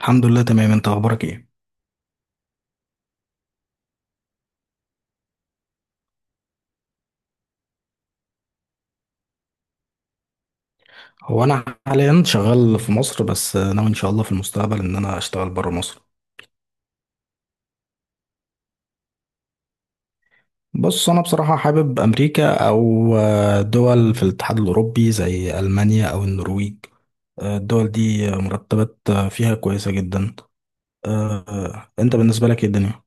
الحمد لله تمام. انت اخبارك ايه؟ هو انا حاليا شغال في مصر، بس ناوي ان شاء الله في المستقبل ان انا اشتغل بره مصر. بص، انا بصراحة حابب امريكا او دول في الاتحاد الاوروبي زي المانيا او النرويج. الدول دي مرتبات فيها كويسة جدا. انت بالنسبة لك ايه الدنيا؟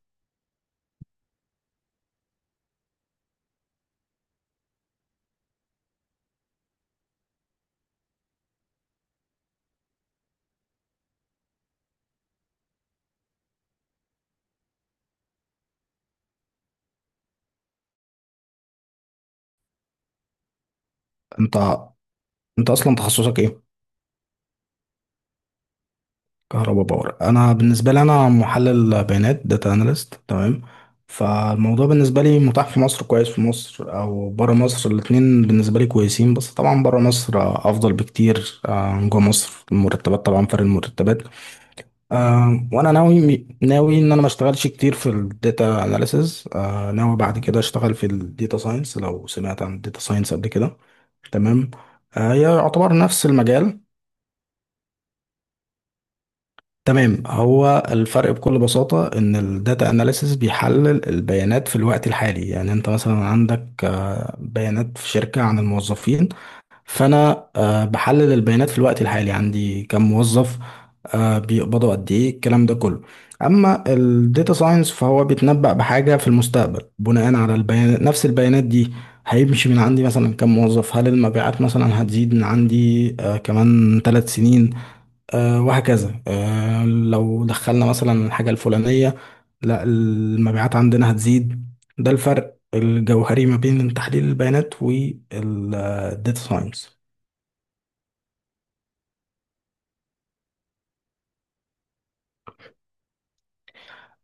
انت انت اصلا تخصصك ايه؟ كهرباء باور. انا بالنسبه لي انا محلل بيانات، داتا اناليست، تمام. فالموضوع بالنسبه لي متاح في مصر، كويس في مصر او بره مصر، الاتنين بالنسبه لي كويسين، بس طبعا بره مصر افضل بكتير عن جوه مصر، المرتبات طبعا، فرق المرتبات. وانا ناوي ان انا ما اشتغلش كتير في الداتا اناليسز، ناوي بعد كده اشتغل في الداتا ساينس. لو سمعت عن الداتا ساينس قبل كده، تمام. هي يعتبر نفس المجال. تمام، هو الفرق بكل بساطة إن الداتا أناليسيس بيحلل البيانات في الوقت الحالي. يعني أنت مثلا عندك بيانات في شركة عن الموظفين، فأنا بحلل البيانات في الوقت الحالي، عندي كم موظف، بيقبضوا قد إيه، الكلام ده كله. أما الداتا ساينس فهو بيتنبأ بحاجة في المستقبل بناء على البيانات، نفس البيانات دي. هيمشي من عندي مثلا كم موظف، هل المبيعات مثلا هتزيد من عندي كمان 3 سنين، وهكذا. لو دخلنا مثلا الحاجة الفلانية، لا، المبيعات عندنا هتزيد. ده الفرق الجوهري ما بين تحليل البيانات والداتا ساينس.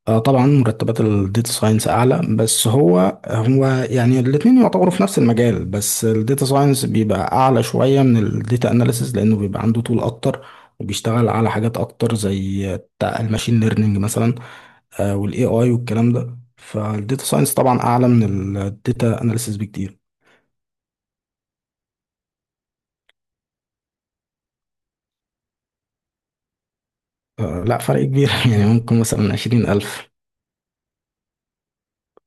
طبعا مرتبات الداتا ساينس اعلى، بس هو يعني الاتنين يعتبروا في نفس المجال، بس الداتا ساينس بيبقى اعلى شوية من الداتا اناليسز لانه بيبقى عنده طول اكتر وبيشتغل على حاجات اكتر زي الماشين ليرنينج مثلا، والاي اي والكلام ده. فالديتا ساينس طبعا اعلى من الديتا اناليسيس بكتير. لا، فرق كبير يعني ممكن مثلا 20,000،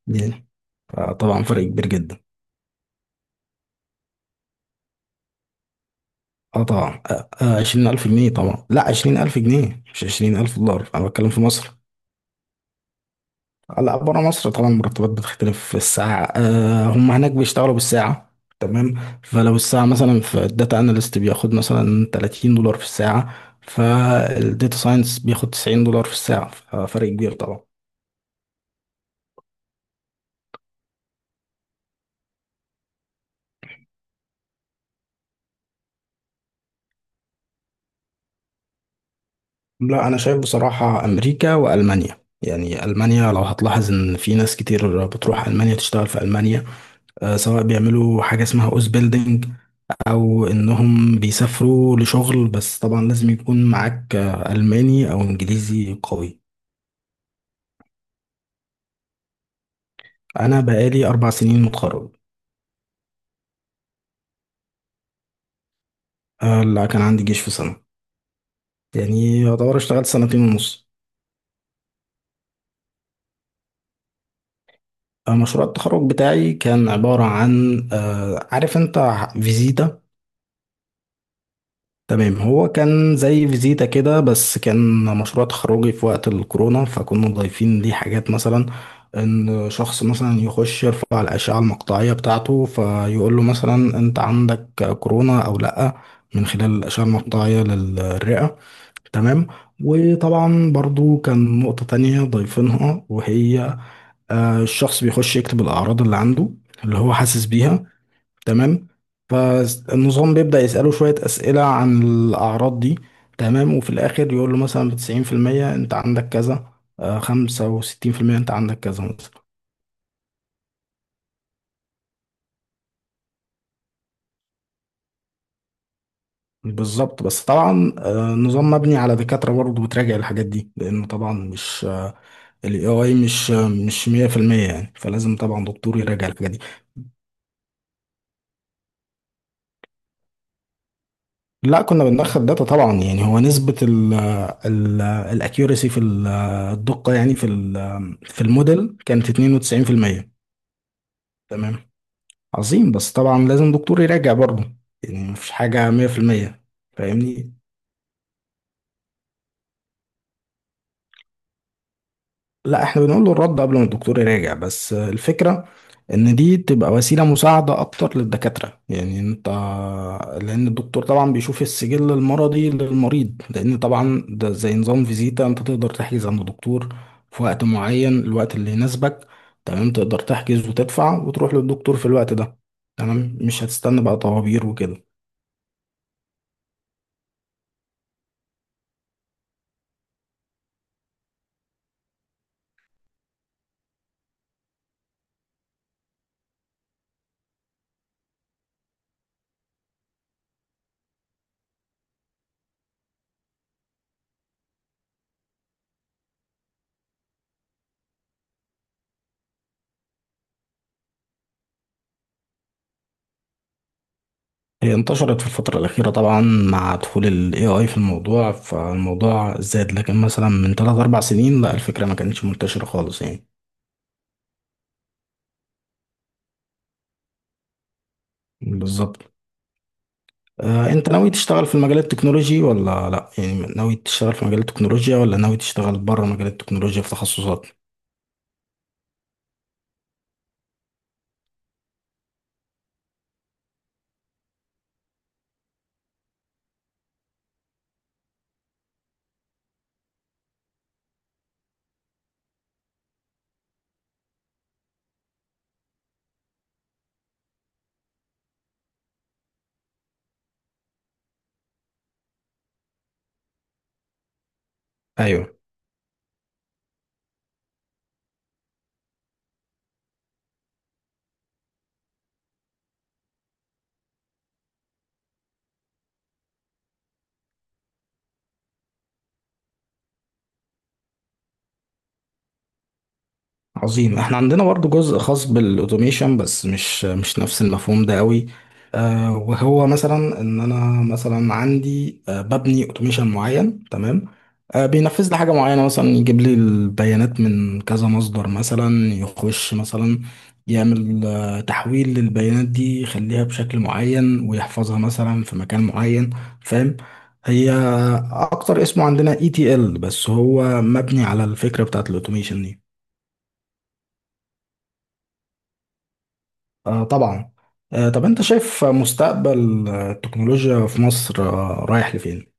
يعني طبعا فرق كبير جدا. اه طبعا، 20,000 جنيه طبعا. لا، 20,000 جنيه، مش 20,000 دولار. أنا بتكلم في مصر. لا، بره مصر طبعا المرتبات بتختلف. في الساعة، هم هناك بيشتغلوا بالساعة، تمام. فلو الساعة مثلا في الداتا اناليست بياخد مثلا 30 دولار في الساعة، فالديتا ساينس بياخد 90 دولار في الساعة. فرق كبير طبعا. لا، انا شايف بصراحة امريكا والمانيا. يعني المانيا لو هتلاحظ ان في ناس كتير بتروح المانيا تشتغل في المانيا، سواء بيعملوا حاجة اسمها اوز بيلدينج او انهم بيسافروا لشغل، بس طبعا لازم يكون معاك الماني او انجليزي قوي. انا بقالي 4 سنين متخرج. لا كان عندي جيش في سنة، يعني يعتبر اشتغلت سنتين ونص. مشروع التخرج بتاعي كان عبارة عن عارف انت فيزيتا؟ تمام، هو كان زي فيزيتا كده، بس كان مشروع تخرجي في وقت الكورونا، فكنا ضايفين ليه حاجات. مثلا ان شخص مثلا يخش يرفع الأشعة المقطعية بتاعته، فيقول له مثلا انت عندك كورونا او لا، من خلال الأشعة المقطعية للرئة، تمام. وطبعا برضو كان نقطة تانية ضايفينها، وهي الشخص بيخش يكتب الأعراض اللي عنده، اللي هو حاسس بيها، تمام. فالنظام بيبدأ يسأله شوية أسئلة عن الأعراض دي، تمام، وفي الآخر يقول له مثلا 90% أنت عندك كذا، 65% أنت عندك كذا مثلا. بالظبط، بس طبعا النظام مبني على دكاترة برضه بتراجع الحاجات دي، لأنه طبعا مش ال AI مش مش 100%، يعني فلازم طبعا دكتور يراجع الحاجات دي. لا كنا بندخل داتا طبعا. يعني هو نسبة ال الاكيورسي في الدقة يعني في في الموديل كانت 92%، تمام. عظيم، بس طبعا لازم دكتور يراجع برضه، يعني مفيش حاجة 100%. فاهمني، لا احنا بنقول له الرد قبل ما الدكتور يراجع، بس الفكرة ان دي تبقى وسيلة مساعدة اكتر للدكاترة. يعني انت، لان الدكتور طبعا بيشوف السجل المرضي للمريض، لان طبعا ده زي نظام فيزيتا، انت تقدر تحجز عند الدكتور في وقت معين، الوقت اللي يناسبك، تمام. تقدر تحجز وتدفع وتروح للدكتور في الوقت ده، تمام، مش هتستنى بقى طوابير وكده. هي انتشرت في الفترة الأخيرة طبعا مع دخول ال AI في الموضوع، فالموضوع زاد، لكن مثلا من 3 4 سنين لا، الفكرة ما كانتش منتشرة خالص يعني. بالظبط. أنت ناوي تشتغل في المجال التكنولوجي ولا لا؟ يعني ناوي تشتغل في مجال التكنولوجيا، ولا ناوي تشتغل بره مجال التكنولوجيا في تخصصات؟ أيوه. عظيم، احنا عندنا برضو جزء خاص بالاوتوميشن، بس مش نفس المفهوم ده قوي. آه، وهو مثلا ان انا مثلا عندي آه ببني اوتوميشن معين، تمام، آه بينفذ لي حاجه معينه، مثلا يجيب لي البيانات من كذا مصدر، مثلا يخش مثلا يعمل آه تحويل للبيانات دي، يخليها بشكل معين ويحفظها مثلا في مكان معين. فاهم، هي اكتر اسمه عندنا اي تي ال، بس هو مبني على الفكره بتاعت الاوتوميشن دي. آه طبعا. آه، طب انت شايف مستقبل التكنولوجيا في مصر آه رايح لفين؟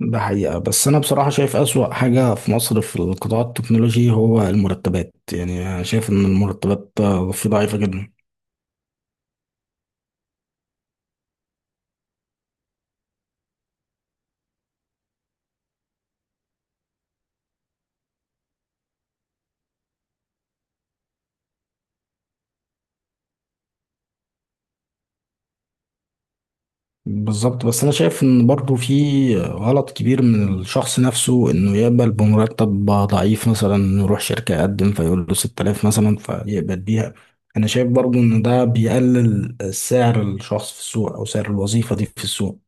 ده حقيقة، بس انا بصراحة شايف اسوأ حاجة في مصر في القطاع التكنولوجي هو المرتبات. يعني انا شايف ان المرتبات فيه ضعيفة جدا. بالظبط، بس انا شايف ان برضو في غلط كبير من الشخص نفسه انه يقبل بمرتب ضعيف، مثلا يروح شركة يقدم فيقول له 6000 مثلا فيقبل بيها. انا شايف برضو ان ده بيقلل سعر الشخص في السوق، او سعر الوظيفة دي في السوق.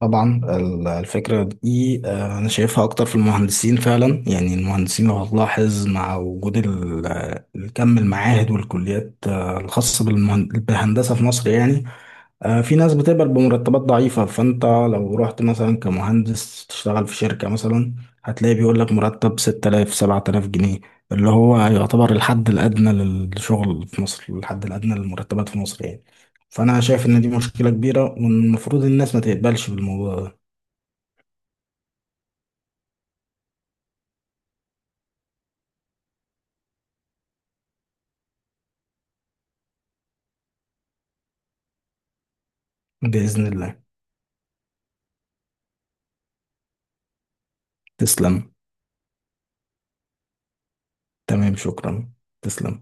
طبعا الفكرة دي أنا شايفها أكتر في المهندسين فعلا. يعني المهندسين لو هتلاحظ مع وجود الكم المعاهد والكليات الخاصة بالهندسة في مصر يعني في ناس بتقبل بمرتبات ضعيفة. فأنت لو رحت مثلا كمهندس تشتغل في شركة مثلا، هتلاقي بيقول لك مرتب 6000 7000 جنيه، اللي هو يعتبر الحد الأدنى للشغل في مصر، الحد الأدنى للمرتبات في مصر يعني. فأنا شايف إن دي مشكلة كبيرة، والمفروض الناس ما تقبلش بالموضوع ده. بإذن الله. تسلم. تمام، شكرا. تسلم.